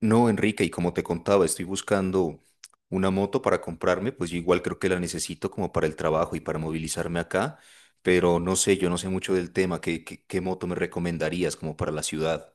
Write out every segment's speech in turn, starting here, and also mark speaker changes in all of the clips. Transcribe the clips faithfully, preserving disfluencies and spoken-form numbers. Speaker 1: No, Enrique, y como te contaba, estoy buscando una moto para comprarme, pues yo igual creo que la necesito como para el trabajo y para movilizarme acá, pero no sé, yo no sé mucho del tema, ¿qué, qué, qué moto me recomendarías como para la ciudad?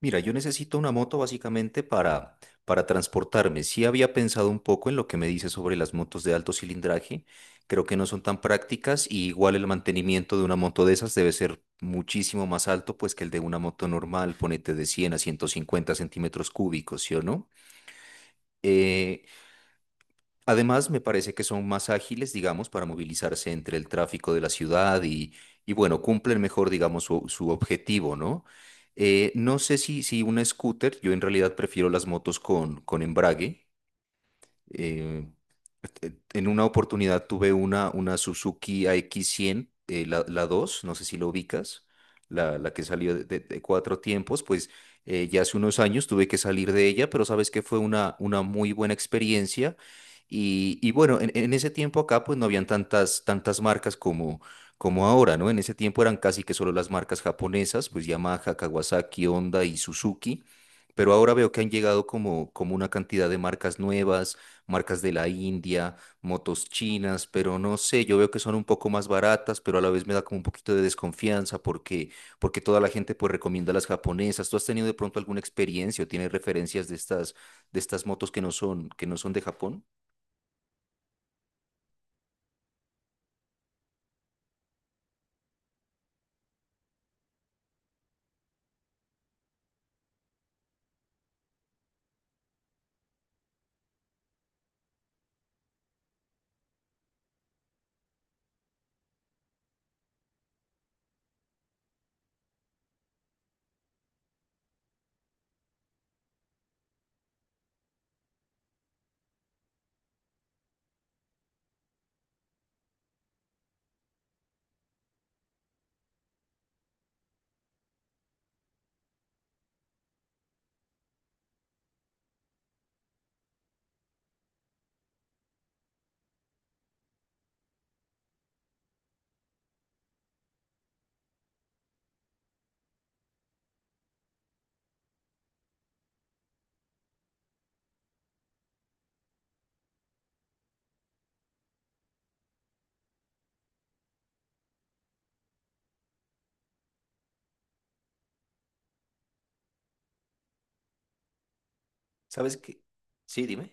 Speaker 1: Mira, yo necesito una moto básicamente para, para transportarme. Sí había pensado un poco en lo que me dice sobre las motos de alto cilindraje. Creo que no son tan prácticas y igual el mantenimiento de una moto de esas debe ser muchísimo más alto pues que el de una moto normal, ponete de cien a ciento cincuenta centímetros cúbicos, ¿sí o no? Eh, Además, me parece que son más ágiles, digamos, para movilizarse entre el tráfico de la ciudad y, y bueno, cumplen mejor, digamos, su, su objetivo, ¿no? Eh, no sé si, si un scooter, yo en realidad prefiero las motos con, con embrague, eh, este, en una oportunidad tuve una, una Suzuki A X cien, eh, la, la dos no sé si lo ubicas, la, la que salió de, de- de cuatro tiempos, pues eh, ya hace unos años tuve que salir de ella, pero sabes que fue una, una muy buena experiencia. Y, y bueno, en, en ese tiempo acá pues no habían tantas, tantas marcas como, como ahora, ¿no? En ese tiempo eran casi que solo las marcas japonesas, pues Yamaha, Kawasaki, Honda y Suzuki. Pero ahora veo que han llegado como, como una cantidad de marcas nuevas marcas de la India, motos chinas, pero no sé, yo veo que son un poco más baratas, pero a la vez me da como un poquito de desconfianza porque, porque toda la gente pues recomienda las japonesas. ¿Tú has tenido de pronto alguna experiencia o tienes referencias de estas, de estas motos que no son, que no son de Japón? ¿Sabes qué? Sí, dime.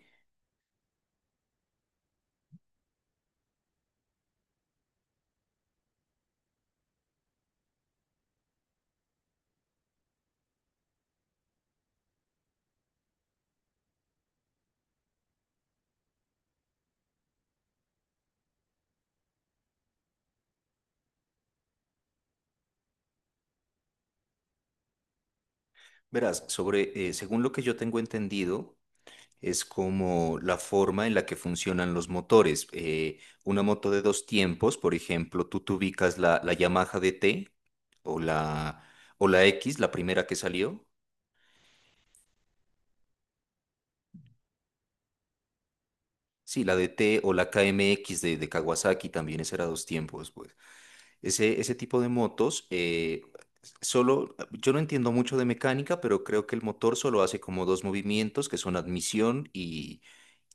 Speaker 1: Verás, sobre, eh, según lo que yo tengo entendido, es como la forma en la que funcionan los motores. Eh, una moto de dos tiempos, por ejemplo, tú te ubicas la, la Yamaha D T o la, o la X, la primera que salió. Sí, la D T o la K M X de, de Kawasaki también, ese era dos tiempos, pues. Ese, ese tipo de motos, eh, solo, yo no entiendo mucho de mecánica, pero creo que el motor solo hace como dos movimientos que son admisión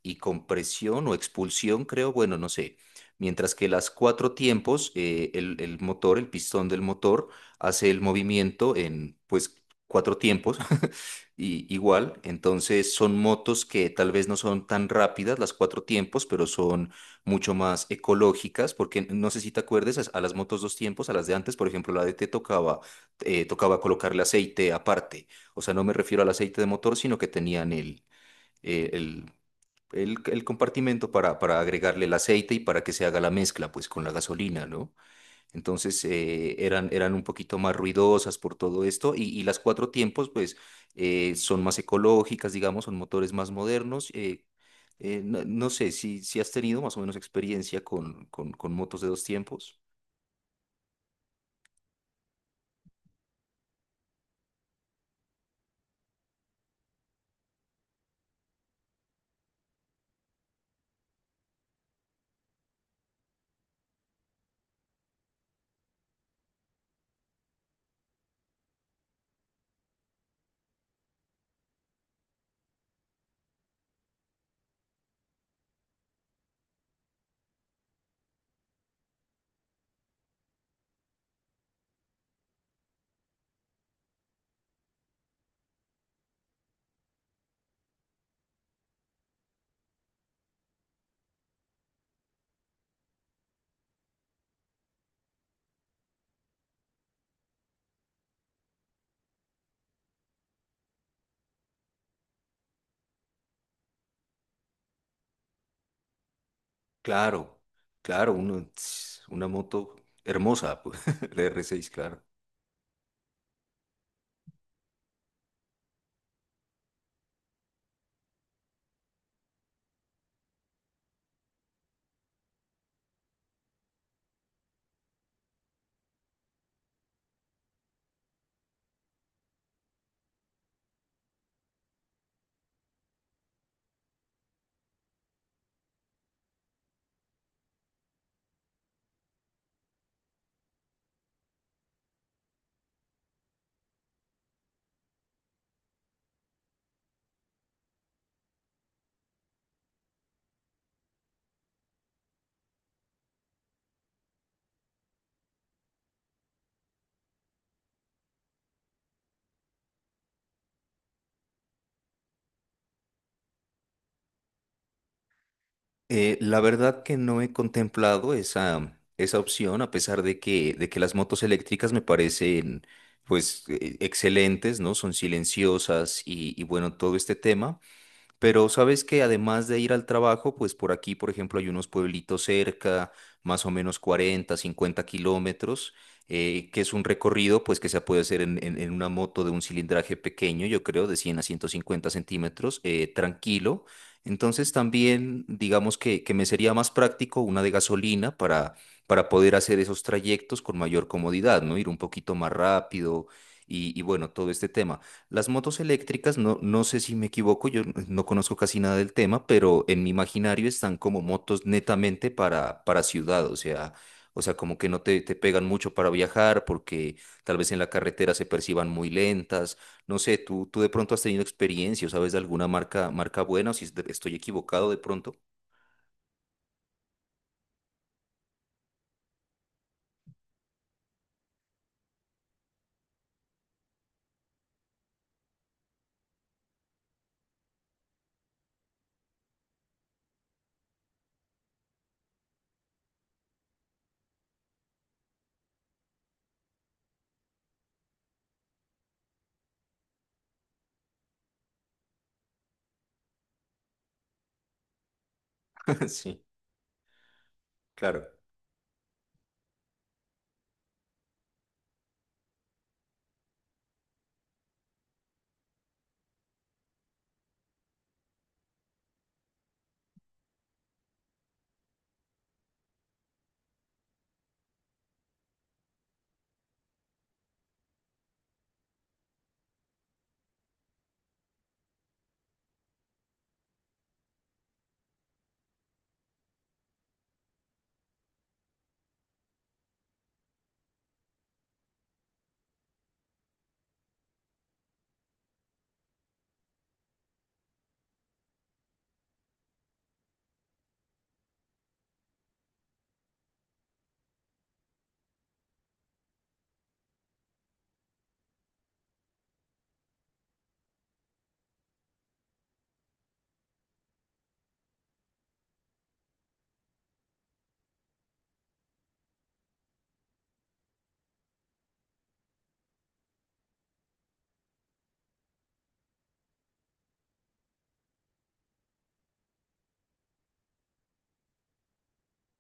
Speaker 1: y compresión o expulsión, creo, bueno, no sé. Mientras que las cuatro tiempos, eh, el, el motor, el pistón del motor, hace el movimiento en, pues, cuatro tiempos, y, igual. Entonces son motos que tal vez no son tan rápidas las cuatro tiempos, pero son mucho más ecológicas, porque no sé si te acuerdes, a, a las motos dos tiempos, a las de antes, por ejemplo, la de te tocaba, eh, tocaba colocarle aceite aparte. O sea, no me refiero al aceite de motor, sino que tenían el eh, el, el, el compartimento para, para agregarle el aceite y para que se haga la mezcla, pues, con la gasolina, ¿no? Entonces, eh, eran, eran un poquito más ruidosas por todo esto y, y las cuatro tiempos, pues, eh, son más ecológicas, digamos, son motores más modernos. eh, eh, no, no sé si, si has tenido más o menos experiencia con, con, con motos de dos tiempos. Claro, claro, uno- una moto hermosa, pues, la R seis, claro. Eh, la verdad que no he contemplado esa, esa opción, a pesar de que, de que las motos eléctricas me parecen pues eh, excelentes, ¿no? Son silenciosas y, y bueno, todo este tema. Pero sabes que además de ir al trabajo, pues por aquí, por ejemplo, hay unos pueblitos cerca, más o menos cuarenta, cincuenta kilómetros, eh, que es un recorrido pues que se puede hacer en, en- en una moto de un cilindraje pequeño, yo creo, de cien a ciento cincuenta centímetros, eh, tranquilo. Entonces también digamos que, que me sería más práctico una de gasolina para, para poder hacer esos trayectos con mayor comodidad, ¿no? Ir un poquito más rápido y y bueno, todo este tema. Las motos eléctricas, no, no sé si me equivoco, yo no conozco casi nada del tema, pero en mi imaginario están como motos netamente para, para ciudad, o sea, o sea, como que no te, te pegan mucho para viajar porque tal vez en la carretera se perciban muy lentas. No sé, tú, tú de pronto has tenido experiencia o sabes de alguna marca, marca buena o si estoy equivocado de pronto. Sí, claro.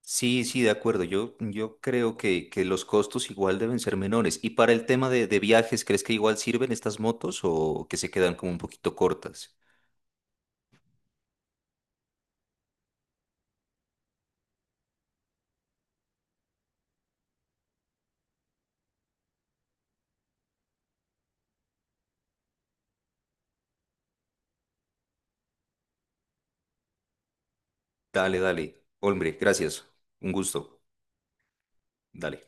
Speaker 1: Sí, sí, de acuerdo. Yo, yo creo que, que los costos igual deben ser menores. Y para el tema de, de viajes, ¿crees que igual sirven estas motos o que se quedan como un poquito cortas? Dale, dale. Hombre, gracias. Un gusto. Dale.